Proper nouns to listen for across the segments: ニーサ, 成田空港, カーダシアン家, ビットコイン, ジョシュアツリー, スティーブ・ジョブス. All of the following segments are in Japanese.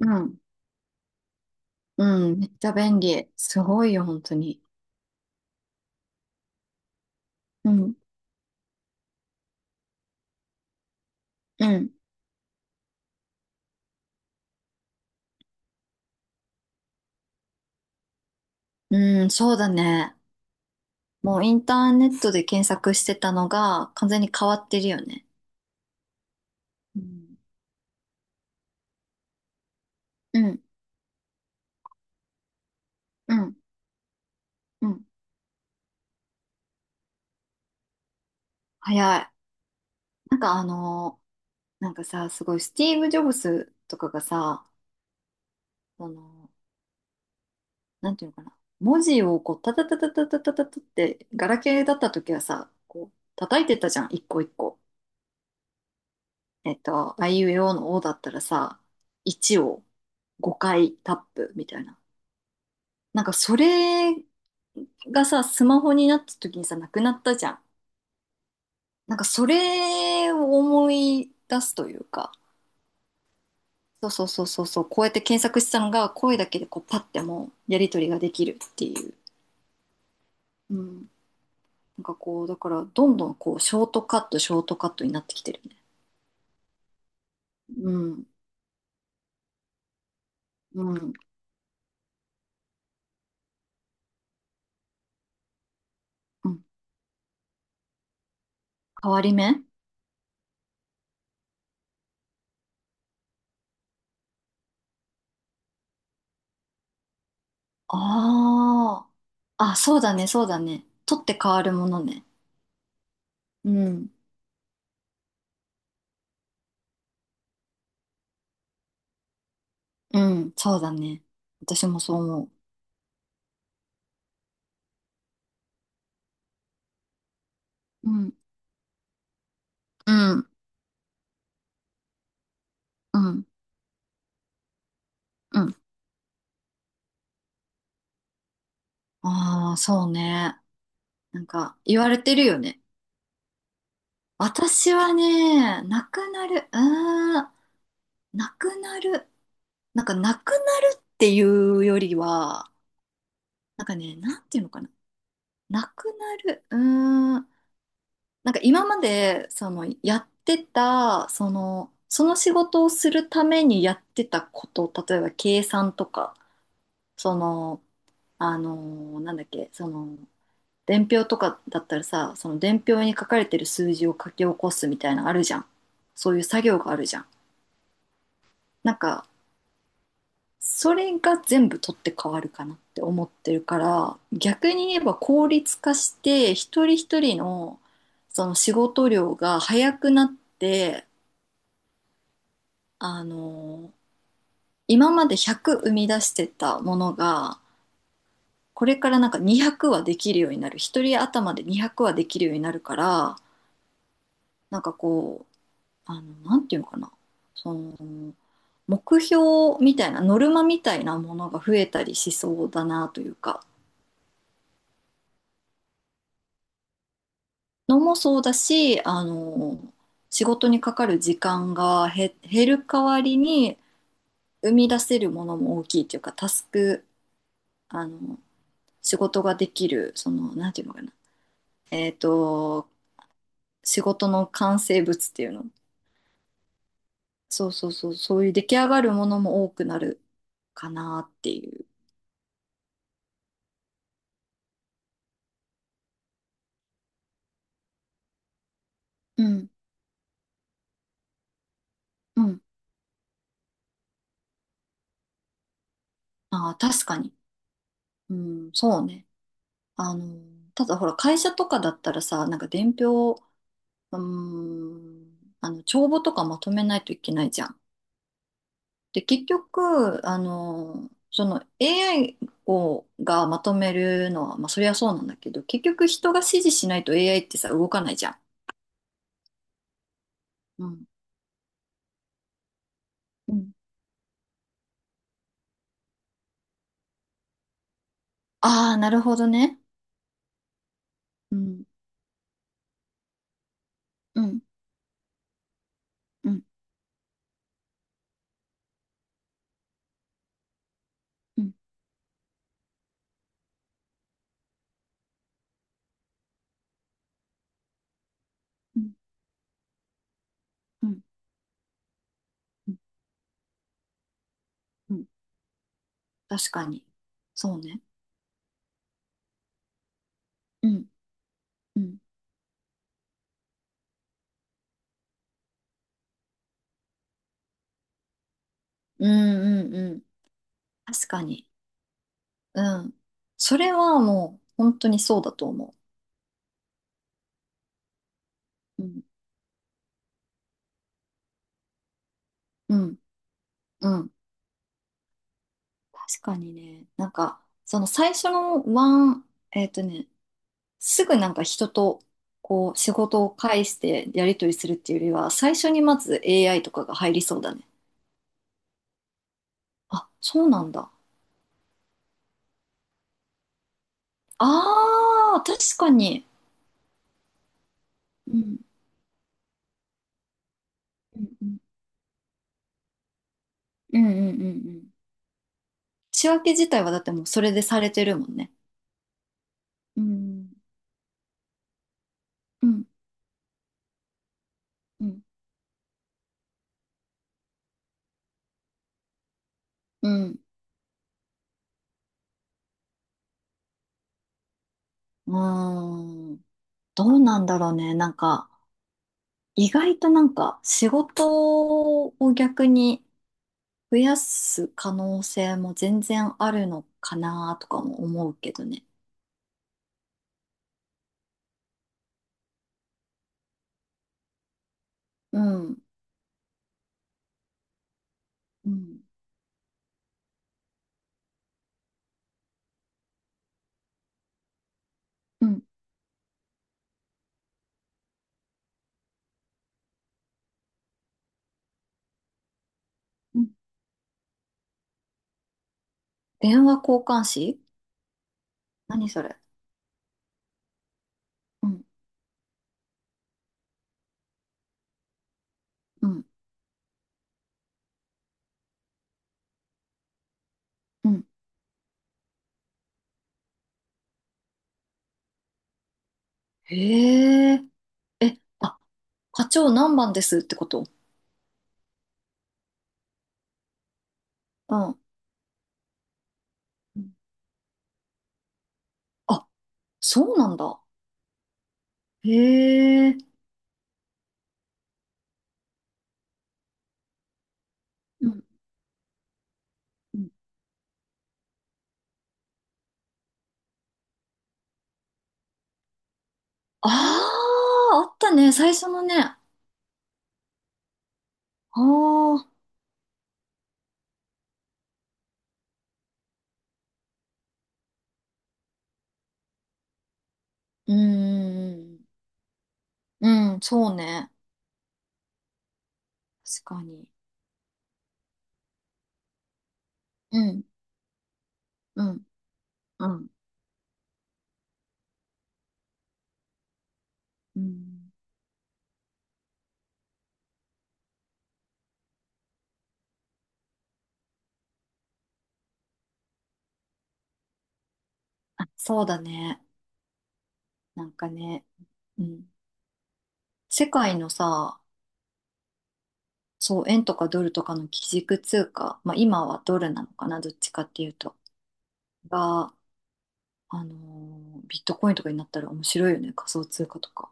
うん。うん。めっちゃ便利。すごいよ、本当に。うん。うん。うん、そうだね。もうインターネットで検索してたのが完全に変わってるよね。うん。うん。うん。うん。早い。なんかあのーなんかさ、すごいスティーブ・ジョブスとかがさ、その、なんていうのかな。文字をこう、タタタタタタタタタって、ガラケーだった時はさ、こう、叩いてたじゃん、一個一個。あいうえおのおだったらさ、1を5回タップみたいな。なんかそれがさ、スマホになった時にさ、なくなったじゃん。なんかそれを思い出すというか、そうそうそうそうそう、こうやって検索したのが声だけでこうパッてもうやり取りができるっていう。うん。なんかこう、だからどんどんこう、ショートカット、ショートカットになってきてるよね。うん。うん。うん。変わり目。ああ。あ、そうだね、そうだね。取って変わるものね。うん。うん、そうだね。私もそう思う。うん、うん、うん、うん。ああ、そうね。なんか、言われてるよね。私はね、なくなる、なくなる。なんか、なくなるっていうよりは、なんかね、なんていうのかな。なくなる、うーん。なんか今まで、その、やってた、その仕事をするためにやってたこと、例えば計算とか、その、あの、なんだっけ、その、伝票とかだったらさ、その伝票に書かれてる数字を書き起こすみたいなのあるじゃん。そういう作業があるじゃん。なんか、それが全部取って変わるかなって思ってるから、逆に言えば効率化して、一人一人の、その仕事量が早くなって、あの、今まで100生み出してたものが、これからなんか200はできるようになる。一人頭で200はできるようになるから、なんかこう、あの、なんていうのかな。その、目標みたいな、ノルマみたいなものが増えたりしそうだなというか、のもそうだし、あの、仕事にかかる時間が減る代わりに、生み出せるものも大きいというか、タスク、あの、仕事ができる、その、なんていうのかな。えっと、仕事の完成物っていうの。そうそうそう、そういう出来上がるものも多くなるかなっていう。うん、うん。ああ、確かに。うん、そうね。あの、ただほら、会社とかだったらさ、なんか伝票、帳簿とかまとめないといけないじゃん。で、結局、あの、その AI がまとめるのは、まあ、そりゃそうなんだけど、結局人が指示しないと AI ってさ、動かないじゃん。うん。ああ、なるほどね。うん、うん、うん、うん、うん、うん、うん、うん。確かに。そうね。うん、うん、うん、うん、うん。確かに。うん。それはもう、本当にそうだと思う。うん、うん、うん。確かにね。なんか、その最初のワン、えっとね、すぐなんか人と、こう、仕事を介してやり取りするっていうよりは、最初にまず AI とかが入りそうだね。あ、そうなんだ。ああ、確かに。うん。うんうん。うんうんうんうん。仕分け自体はだってもうそれでされてるもんね。うん。うん。うん。うん。うーん。どうなんだろうね。なんか、意外となんか仕事を逆に増やす可能性も全然あるのかなとかも思うけどね。うん。うん。うん。うん。電話交換士。何それ？うん。うん。うん。へえ。え、あ、課長何番ですってこと。うん。あ、そうなんだ。へえ。うんうん。ああ、あったね。最初のね。ああ、うん。うん、そうね。確かに。うん、うん、うん、うん。あ、そうだね。なんかね、うん。世界のさ、そう、円とかドルとかの基軸通貨、まあ今はドルなのかな、どっちかっていうと。が、あのビットコインとかになったら面白いよね。仮想通貨とか。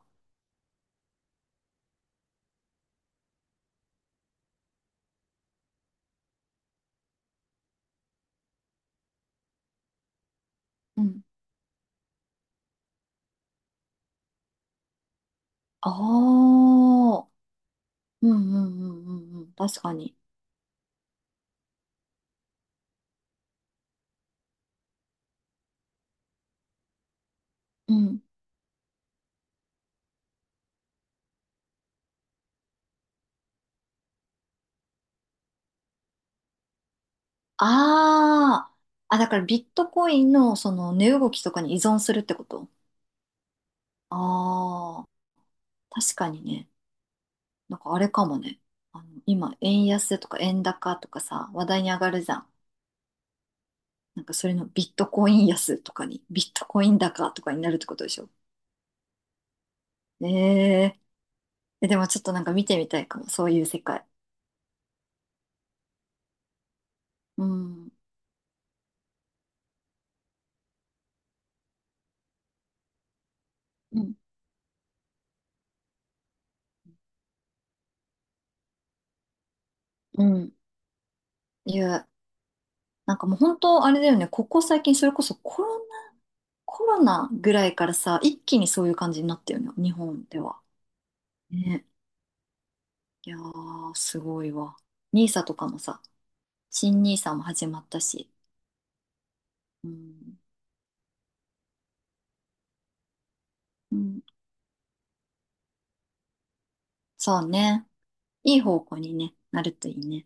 ああ、うんうんうんうんうん。確かに。うん。ああ、あ、だからビットコインのその値動きとかに依存するってこと。ああー、確かにね。なんかあれかもね。あの、今、円安とか円高とかさ、話題に上がるじゃん。なんかそれのビットコイン安とかに、ビットコイン高とかになるってことでしょ？えええ、でもちょっとなんか見てみたいかも、そういう世界。うん。うん。うん。いう。なんかもう本当あれだよね、ここ最近それこそコロナ、ぐらいからさ、一気にそういう感じになったよね、日本では。ね。いやー、すごいわ。ニーサとかもさ、新ニーサも始まったし。うん。うん、そうね。いい方向にね、なるといいね。